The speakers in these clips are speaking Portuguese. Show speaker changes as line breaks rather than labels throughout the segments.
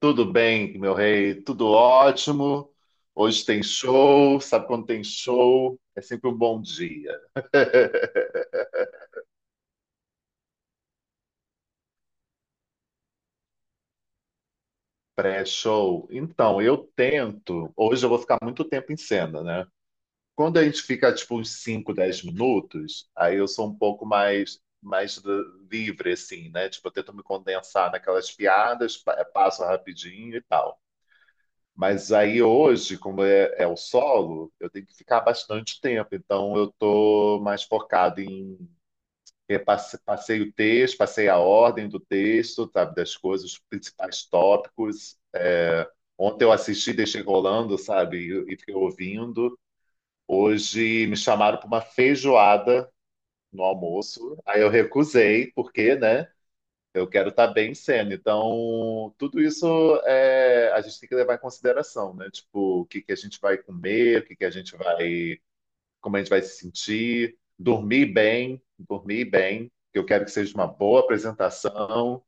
Tudo bem, meu rei, tudo ótimo. Hoje tem show, sabe quando tem show? É sempre um bom dia. Pré-show. Então, eu tento. Hoje eu vou ficar muito tempo em cena, né? Quando a gente fica tipo uns 5, 10 minutos, aí eu sou um pouco mais livre, assim, né? Tipo, eu tento me condensar naquelas piadas, passo rapidinho e tal. Mas aí hoje, como é, é o solo, eu tenho que ficar bastante tempo. Então eu estou mais focado em passei o texto, passei a ordem do texto, sabe, das coisas, os principais tópicos. É, ontem eu assisti, deixei rolando, sabe, e fiquei ouvindo. Hoje me chamaram para uma feijoada no almoço. Aí eu recusei, porque, né? Eu quero estar bem sendo. Então, tudo isso a gente tem que levar em consideração, né? Tipo, o que que a gente vai comer, o que que a gente vai, como a gente vai se sentir, dormir bem, que eu quero que seja uma boa apresentação.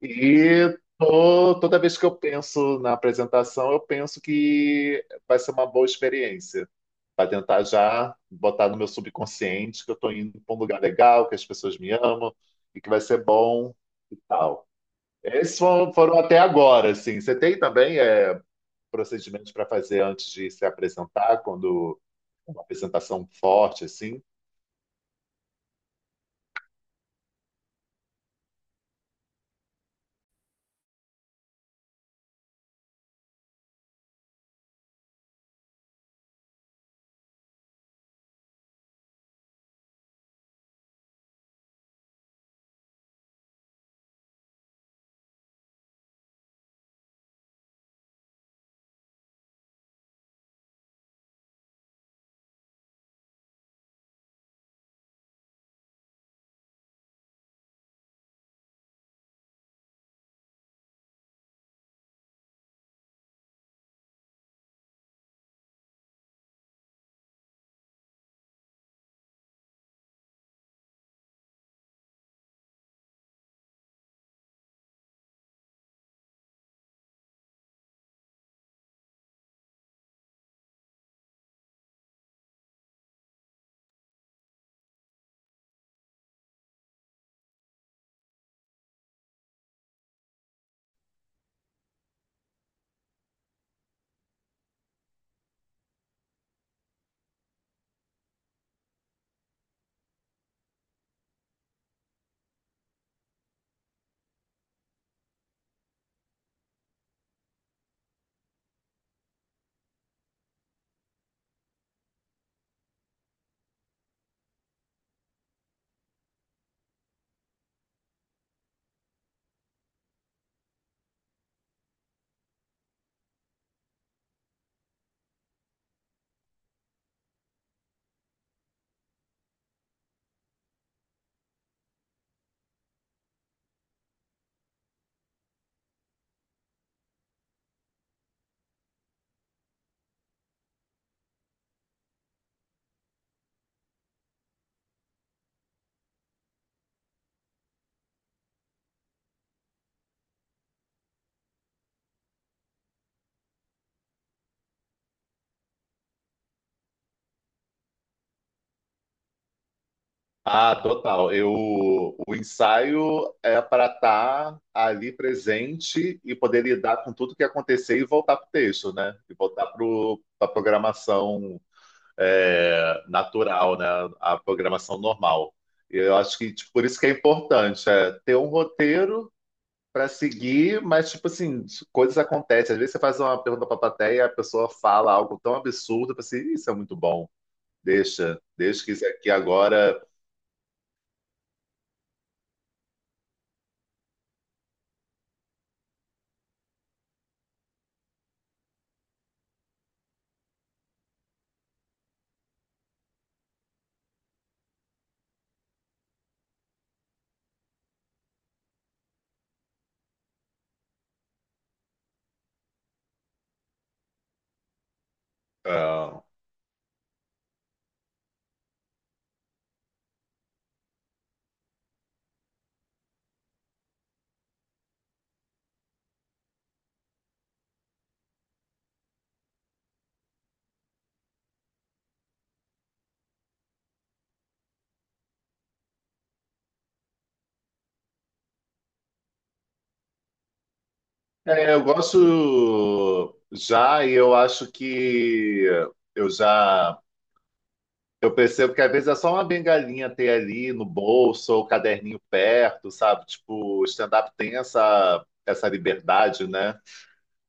E toda vez que eu penso na apresentação, eu penso que vai ser uma boa experiência. Para tentar já botar no meu subconsciente que eu estou indo para um lugar legal, que as pessoas me amam e que vai ser bom e tal. Esses foram até agora, assim. Você tem também procedimentos para fazer antes de se apresentar, quando uma apresentação forte, assim? Ah, total. Eu, o ensaio é para estar ali presente e poder lidar com tudo que acontecer e voltar para o texto, né? E voltar para a programação natural, né? A programação normal. Eu acho que tipo, por isso que é importante ter um roteiro pra seguir, mas tipo assim, coisas acontecem. Às vezes você faz uma pergunta pra plateia e a pessoa fala algo tão absurdo, para assim, isso é muito bom. Deixa, deixa que isso aqui agora. ah, É, eu gosto já e eu acho que eu já eu percebo que às vezes é só uma bengalinha ter ali no bolso ou caderninho perto, sabe? Tipo, o stand-up tem essa liberdade, né?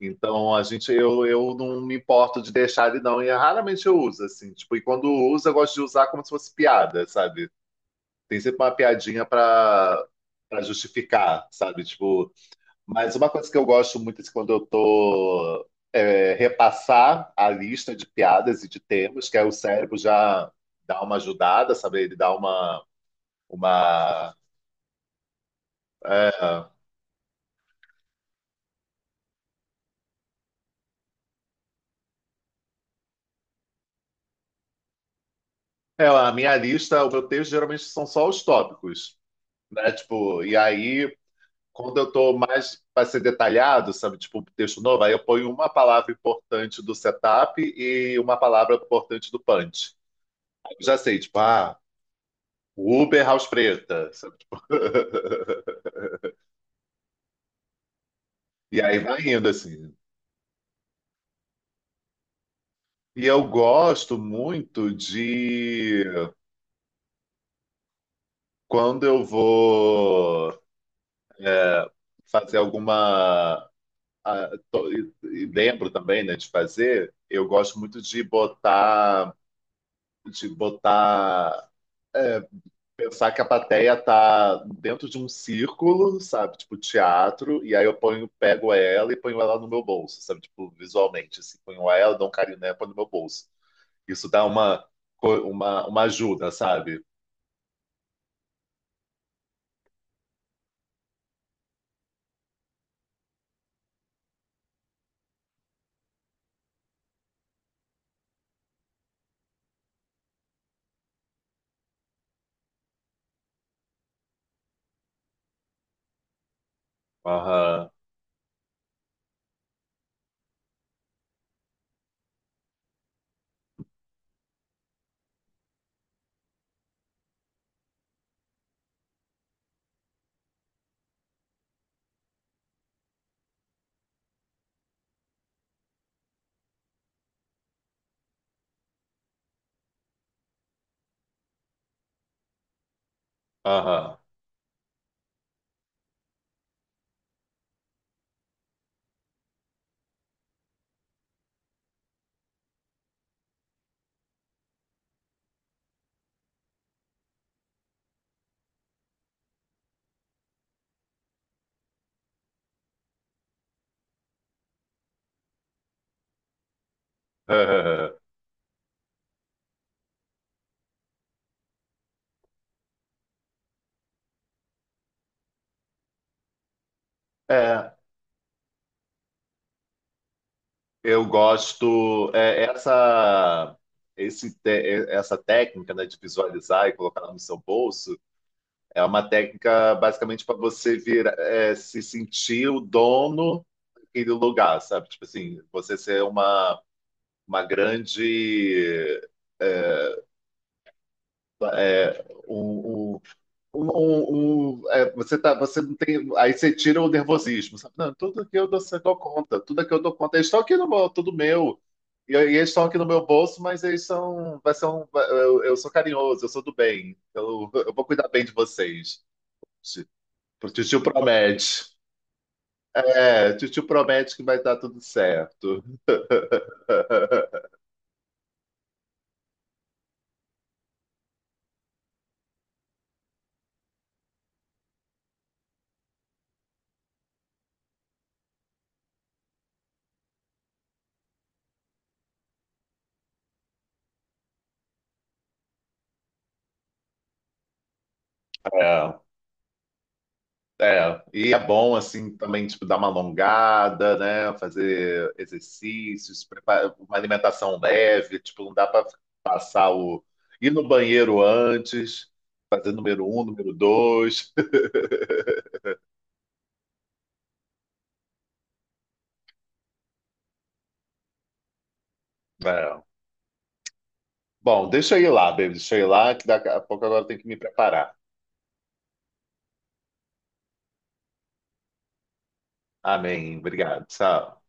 Então eu não me importo de deixar ele não e raramente eu uso assim, tipo, e quando uso eu gosto de usar como se fosse piada, sabe? Tem sempre uma piadinha para justificar, sabe? Tipo, mas uma coisa que eu gosto muito é quando eu tô repassar a lista de piadas e de temas, que aí o cérebro já dá uma ajudada, sabe? Ele dá uma é, a minha lista, o meu texto geralmente são só os tópicos, né? Tipo, e aí quando eu estou mais para ser detalhado, sabe, tipo um texto novo, aí eu ponho uma palavra importante do setup e uma palavra importante do punch. Aí eu já sei, tipo, Uber House Preta, sabe, tipo... E aí vai indo assim. E eu gosto muito de quando eu vou é, fazer alguma. ah, e lembro também, né, de fazer, eu gosto muito de botar, de botar pensar que a plateia tá dentro de um círculo, sabe? Tipo teatro, e aí eu ponho, pego ela e ponho ela no meu bolso, sabe? Tipo, visualmente, assim, ponho ela, dou um carinho nela, ponho no meu bolso. Isso dá uma, uma ajuda, sabe? Aham, aham. É, eu gosto é, essa esse te- é, essa técnica, né, de visualizar e colocar no seu bolso é uma técnica basicamente para você vir se sentir o dono aquele lugar, sabe? Tipo assim, você ser uma grande. é, um, um, você você não tem. Aí você tira o nervosismo, sabe? Não, tudo que eu dou, conta, tudo que eu dou conta. Eles estão aqui no meu, tudo meu. E eles estão aqui no meu bolso, mas eles são. Vai ser um, eu sou carinhoso, eu sou do bem. Eu vou cuidar bem de vocês. O tio promete. É, o tio promete que vai dar tudo certo. É. É, e é bom assim também tipo dar uma alongada, né? Fazer exercícios, preparar uma alimentação leve, tipo não dá para passar o ir no banheiro antes, fazer número um, número dois. É. Bom, deixa eu ir lá, baby, deixa eu ir lá que daqui a pouco agora eu tenho que me preparar. Amém, obrigado, tchau.